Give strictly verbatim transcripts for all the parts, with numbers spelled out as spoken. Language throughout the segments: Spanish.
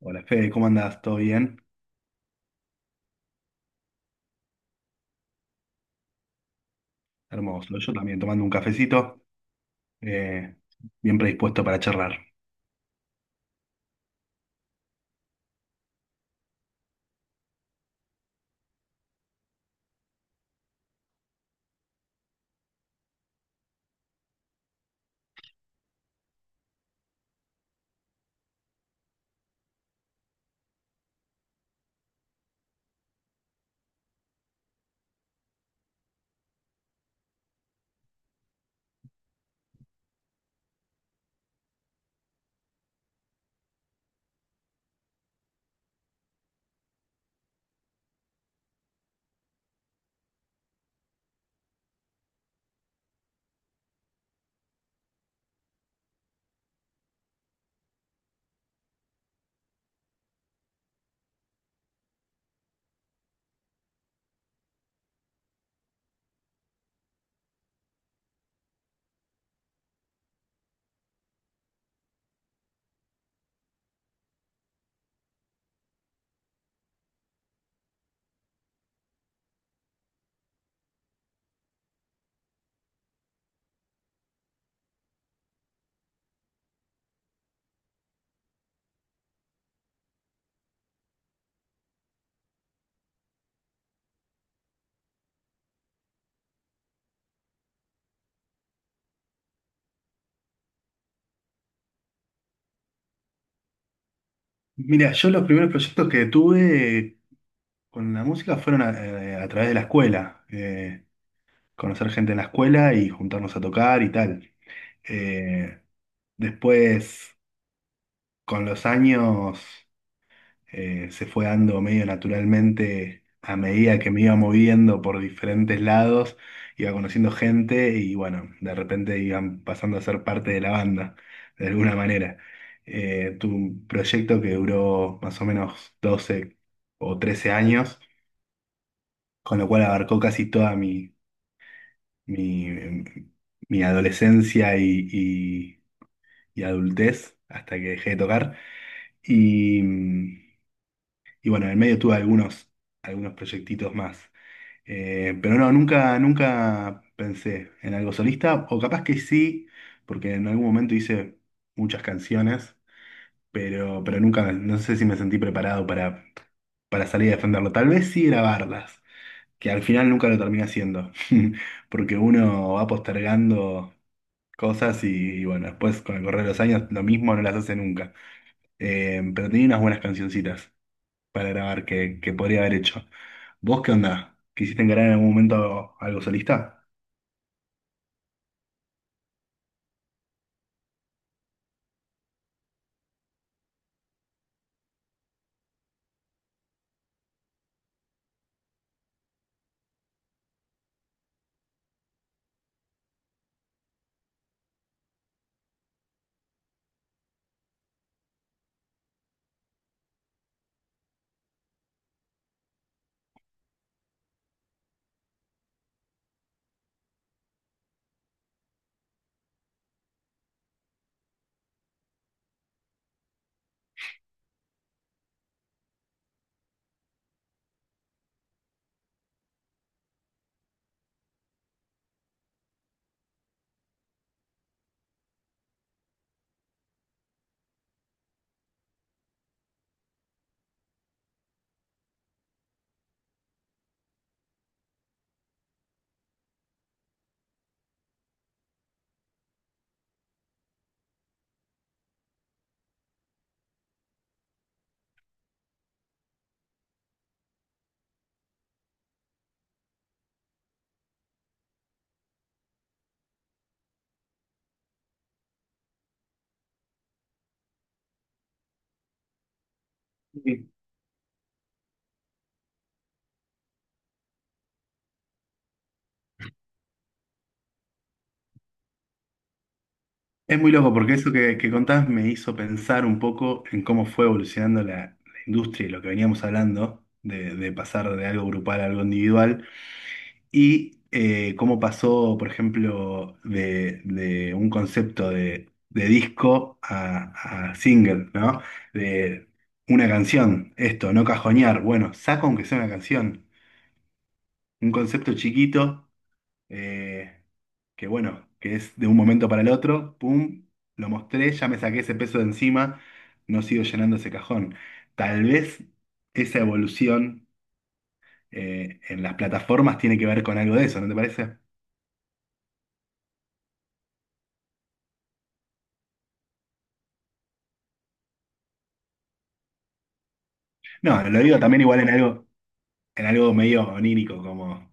Hola Fede, ¿cómo andás? ¿Todo bien? Hermoso. Yo también tomando un cafecito, eh, bien predispuesto para charlar. Mira, yo los primeros proyectos que tuve con la música fueron a, eh, a través de la escuela. Eh, conocer gente en la escuela y juntarnos a tocar y tal. Eh, Después, con los años. Eh, se fue dando medio naturalmente a medida que me iba moviendo por diferentes lados, iba conociendo gente y bueno, de repente iban pasando a ser parte de la banda, de alguna manera. Eh, tuve un proyecto que duró más o menos doce o trece años, con lo cual abarcó casi toda mi, mi, em, mi adolescencia y, y y adultez hasta que dejé de tocar. Y, mm, Y bueno, en el medio tuve algunos, algunos proyectitos más. Eh, pero no, nunca, nunca pensé en algo solista, o capaz que sí, porque en algún momento hice muchas canciones, pero, pero nunca, no sé si me sentí preparado para, para salir a defenderlo. Tal vez sí grabarlas, que al final nunca lo terminé haciendo, porque uno va postergando cosas y, y bueno, después con el correr de los años lo mismo no las hace nunca. Eh, pero tenía unas buenas cancioncitas para grabar que, que podría haber hecho. ¿Vos qué onda? ¿Quisiste encarar en algún momento algo solista? Sí. Es muy loco porque eso que, que contás me hizo pensar un poco en cómo fue evolucionando la, la industria y lo que veníamos hablando, de, de pasar de algo grupal a algo individual, y eh, cómo pasó, por ejemplo, de, de un concepto de, de disco a, a single, ¿no? De una canción, esto, no cajonear, bueno, saco aunque sea una canción. Un concepto chiquito, eh, que bueno, que es de un momento para el otro, pum, lo mostré, ya me saqué ese peso de encima, no sigo llenando ese cajón. Tal vez esa evolución eh, en las plataformas tiene que ver con algo de eso, ¿no te parece? No, lo digo también igual en algo, en algo medio onírico, como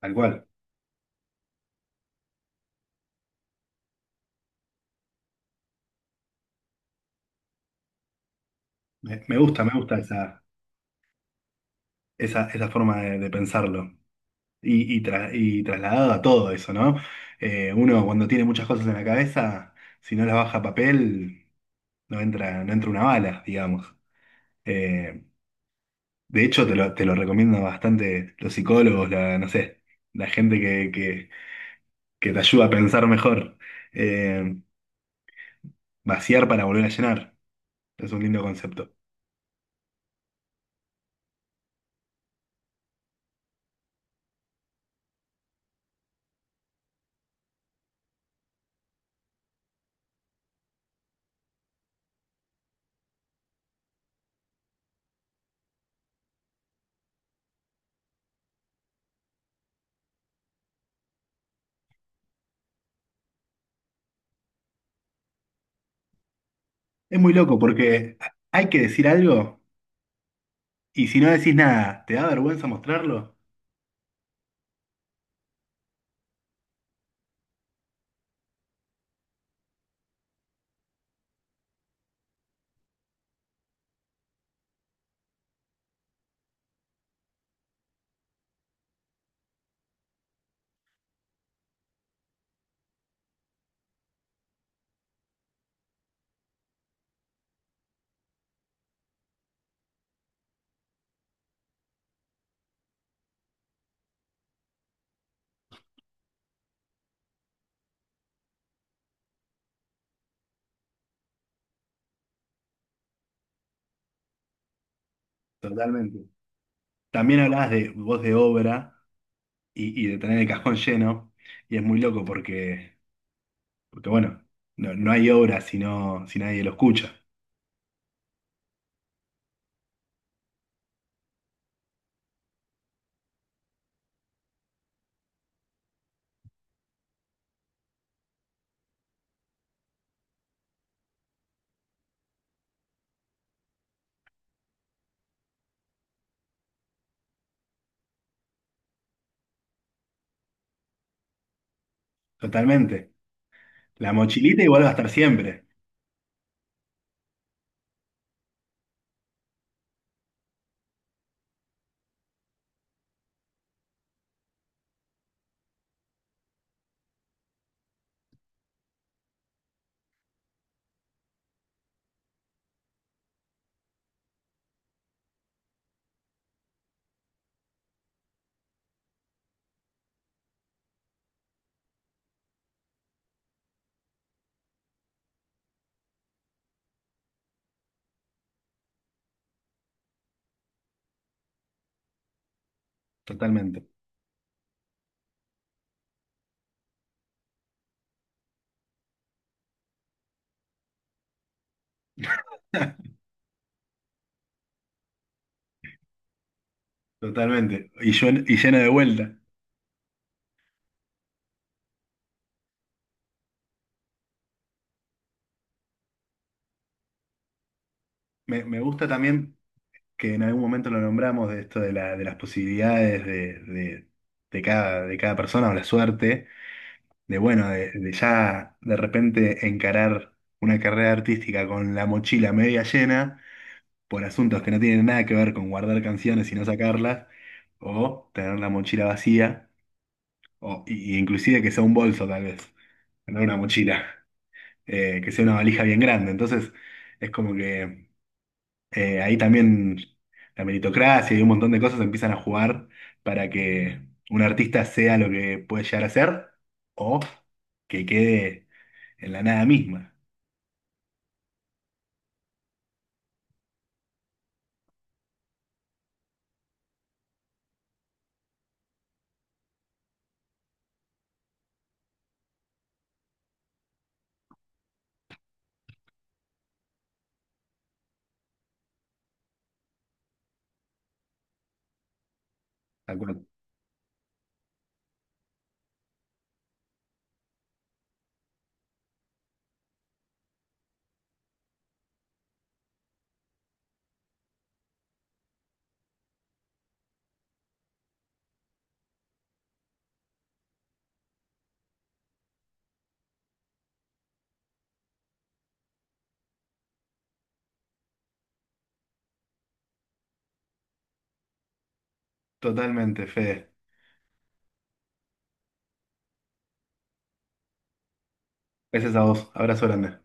tal cual. Me, me gusta, me gusta esa, esa, esa forma de de pensarlo. y, y, tra- y trasladado a todo eso, ¿no? Eh, uno cuando tiene muchas cosas en la cabeza, si no las baja a papel, no entra, no entra una bala, digamos. Eh, de hecho, te lo, te lo recomiendo bastante los psicólogos, la, no sé, la gente que, que, que te ayuda a pensar mejor. Eh, Vaciar para volver a llenar. Es un lindo concepto. Es muy loco porque hay que decir algo y si no decís nada, ¿te da vergüenza mostrarlo? Totalmente. También hablabas de voz de obra. Y, y de tener el cajón lleno. Y es muy loco porque, porque bueno, no, no hay obra si, no, si nadie lo escucha. Totalmente. La mochilita igual va a estar siempre. Totalmente. Totalmente. Y, yo, y llena de vuelta. Me, me gusta también que en algún momento lo nombramos de esto de, la, de las posibilidades de, de, de cada, de cada persona o la suerte. De bueno, de, de ya de repente encarar una carrera artística con la mochila media llena por asuntos que no tienen nada que ver con guardar canciones y no sacarlas, o tener la mochila vacía, o y- y inclusive que sea un bolso tal vez, no una mochila, eh, que sea una valija bien grande. Entonces es como que eh, ahí también la meritocracia y un montón de cosas empiezan a jugar para que un artista sea lo que puede llegar a ser o que quede en la nada misma. Tal cual. Totalmente, Fede. Gracias a vos. Abrazo grande.